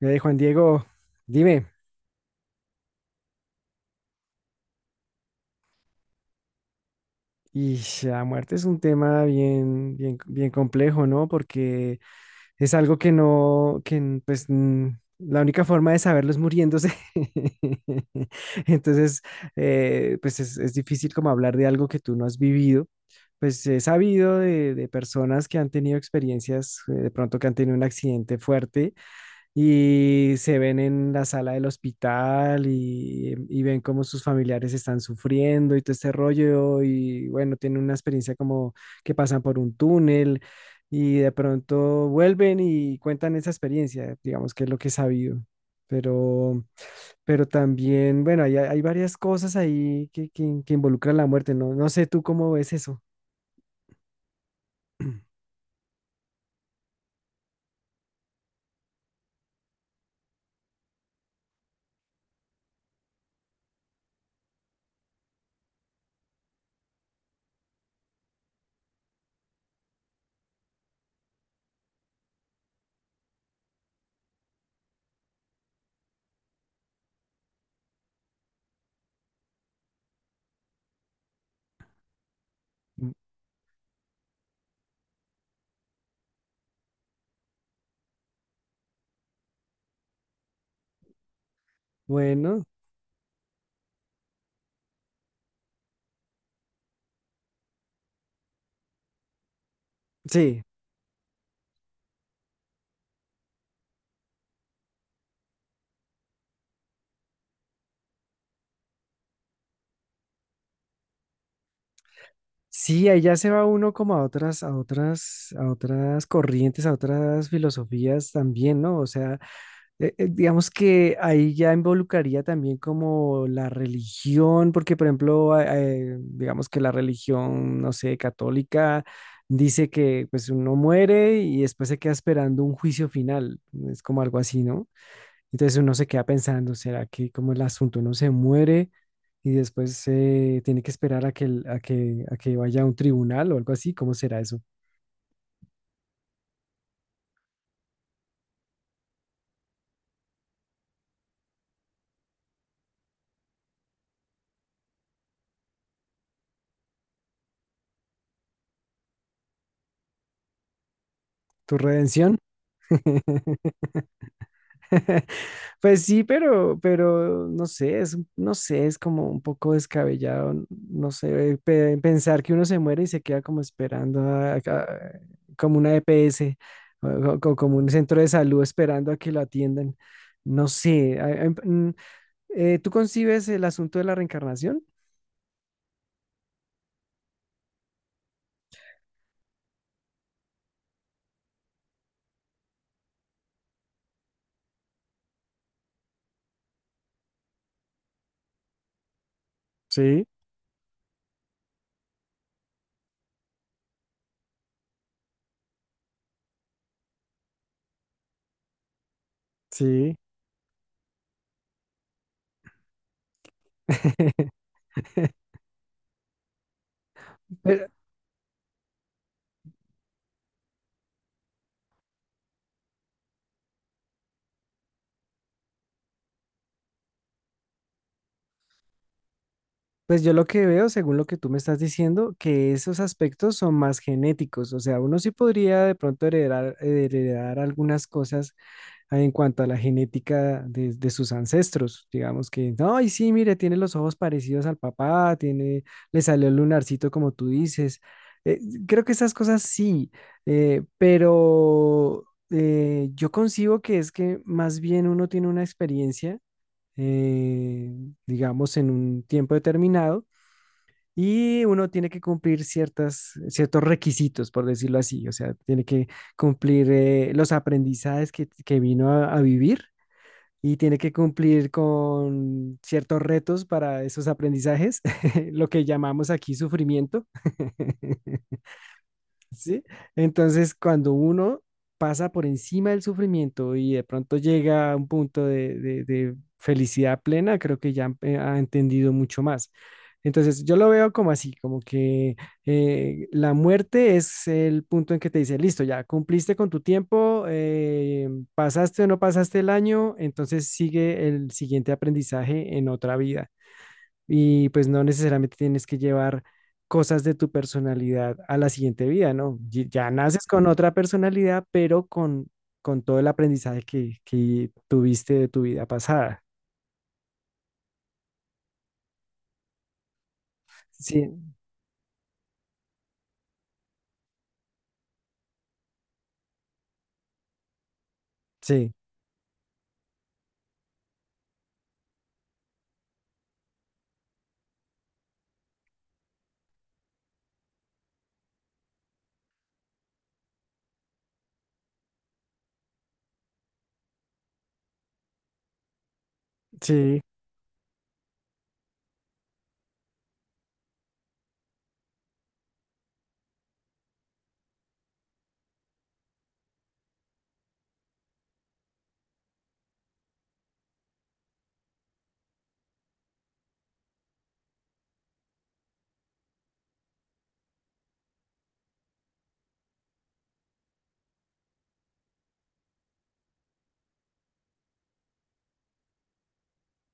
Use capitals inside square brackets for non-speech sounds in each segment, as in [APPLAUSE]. Juan Diego, dime. Y la muerte es un tema bien complejo, ¿no? Porque es algo que no, que n- pues n- la única forma de saberlo es muriéndose. [LAUGHS] Entonces, es difícil como hablar de algo que tú no has vivido. Pues he sabido de personas que han tenido experiencias, de pronto que han tenido un accidente fuerte, y se ven en la sala del hospital y ven cómo sus familiares están sufriendo y todo este rollo. Y bueno, tienen una experiencia como que pasan por un túnel y de pronto vuelven y cuentan esa experiencia, digamos que es lo que he sabido. Pero, pero también, bueno, hay, varias cosas ahí que involucran la muerte, ¿no? No sé tú cómo ves eso. Bueno, sí. Sí, ahí ya se va uno como a otras, a otras corrientes, a otras filosofías también, ¿no? O sea, digamos que ahí ya involucraría también como la religión, porque por ejemplo, digamos que la religión, no sé, católica, dice que pues uno muere y después se queda esperando un juicio final, es como algo así, ¿no? Entonces uno se queda pensando, ¿será que como el asunto uno se muere y después se tiene que esperar a que, a que vaya a un tribunal o algo así? ¿Cómo será eso? ¿Tu redención? [LAUGHS] Pues sí, pero no sé, es, no sé, es como un poco descabellado, no sé, pensar que uno se muere y se queda como esperando como una EPS o como un centro de salud esperando a que lo atiendan. No sé, ¿tú concibes el asunto de la reencarnación? Sí, sí. [LAUGHS] Pero, pues yo lo que veo, según lo que tú me estás diciendo, que esos aspectos son más genéticos. O sea, uno sí podría de pronto heredar, heredar algunas cosas. Ah, en cuanto a la genética de sus ancestros. Digamos que, no, y sí, mire, tiene los ojos parecidos al papá, tiene, le salió el lunarcito como tú dices. Eh, Creo que esas cosas sí, yo concibo que es que más bien uno tiene una experiencia, eh, digamos, en un tiempo determinado. Y uno tiene que cumplir ciertos requisitos, por decirlo así. O sea, tiene que cumplir los aprendizajes que vino a vivir y tiene que cumplir con ciertos retos para esos aprendizajes, [LAUGHS] lo que llamamos aquí sufrimiento. [LAUGHS] ¿Sí? Entonces, cuando uno pasa por encima del sufrimiento y de pronto llega a un punto de, de felicidad plena, creo que ya ha entendido mucho más. Entonces, yo lo veo como así, como que la muerte es el punto en que te dice, listo, ya cumpliste con tu tiempo, pasaste o no pasaste el año, entonces sigue el siguiente aprendizaje en otra vida. Y pues no necesariamente tienes que llevar cosas de tu personalidad a la siguiente vida, ¿no? Ya naces con otra personalidad, pero con todo el aprendizaje que tuviste de tu vida pasada. Sí, sí, sí.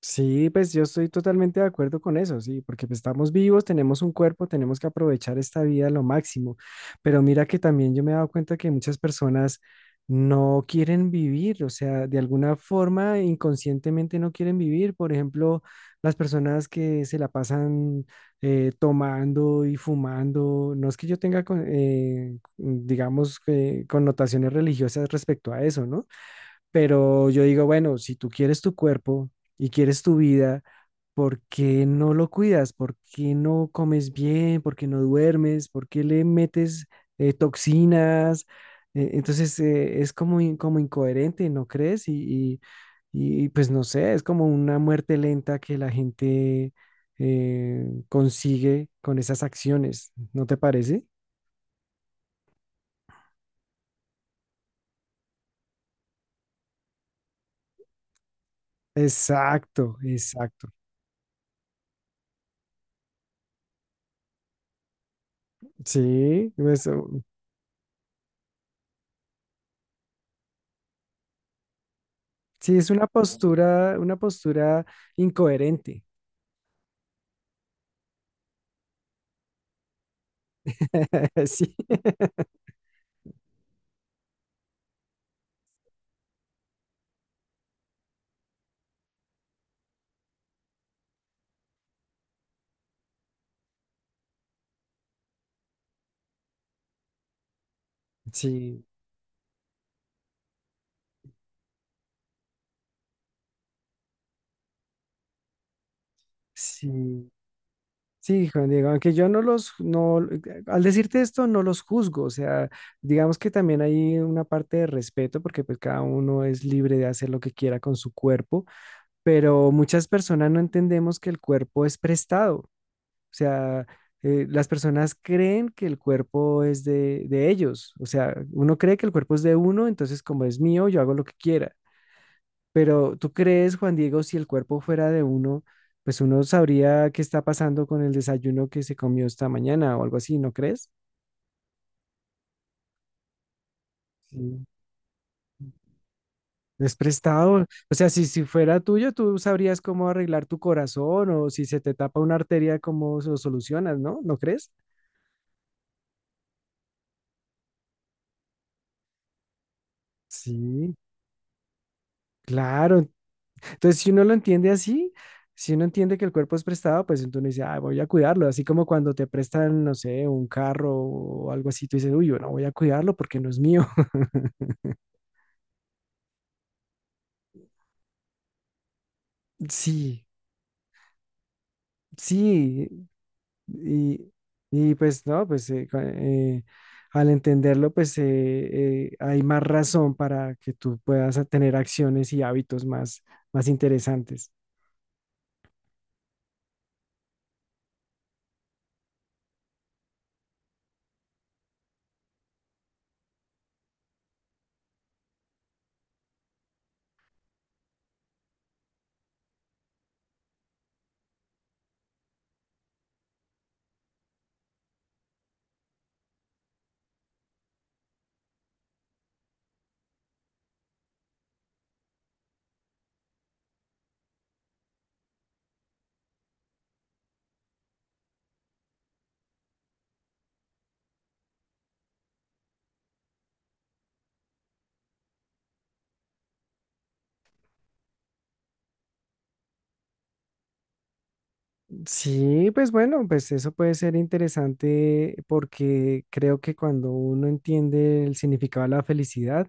Sí, pues yo estoy totalmente de acuerdo con eso, sí, porque pues, estamos vivos, tenemos un cuerpo, tenemos que aprovechar esta vida a lo máximo. Pero mira que también yo me he dado cuenta que muchas personas no quieren vivir, o sea, de alguna forma inconscientemente no quieren vivir. Por ejemplo, las personas que se la pasan tomando y fumando, no es que yo tenga, digamos, que connotaciones religiosas respecto a eso, ¿no? Pero yo digo, bueno, si tú quieres tu cuerpo y quieres tu vida, ¿por qué no lo cuidas? ¿Por qué no comes bien? ¿Por qué no duermes? ¿Por qué le metes toxinas? Entonces es como, como incoherente, ¿no crees? Pues no sé, es como una muerte lenta que la gente consigue con esas acciones, ¿no te parece? Exacto, exacto. Sí, eso. Sí, es una postura incoherente. [LAUGHS] Sí. Sí, sí, sí, Juan Diego, aunque yo no los, no, al decirte esto, no los juzgo, o sea, digamos que también hay una parte de respeto porque pues cada uno es libre de hacer lo que quiera con su cuerpo, pero muchas personas no entendemos que el cuerpo es prestado. O sea, las personas creen que el cuerpo es de ellos. O sea, uno cree que el cuerpo es de uno, entonces como es mío, yo hago lo que quiera. Pero tú crees, Juan Diego, si el cuerpo fuera de uno, pues uno sabría qué está pasando con el desayuno que se comió esta mañana o algo así, ¿no crees? Sí. Es prestado. O sea, si, si fuera tuyo, tú sabrías cómo arreglar tu corazón o si se te tapa una arteria, cómo lo solucionas, ¿no? ¿No crees? Sí, claro. Entonces, si uno lo entiende así, si uno entiende que el cuerpo es prestado, pues entonces uno dice, ah, voy a cuidarlo. Así como cuando te prestan, no sé, un carro o algo así, tú dices, uy, yo no voy a cuidarlo porque no es mío. [LAUGHS] Sí, sí. Y, y pues no, pues cua- Al entenderlo, hay más razón para que tú puedas tener acciones y hábitos más, más interesantes. Sí, pues bueno, pues eso puede ser interesante porque creo que cuando uno entiende el significado de la felicidad,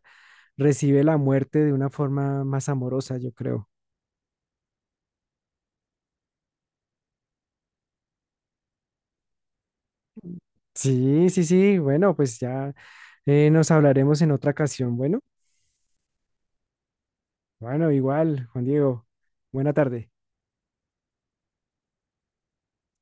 recibe la muerte de una forma más amorosa, yo creo. Sí, sí, sí, bueno, pues ya nos hablaremos en otra ocasión. Bueno, bueno, igual, Juan Diego, buena tarde.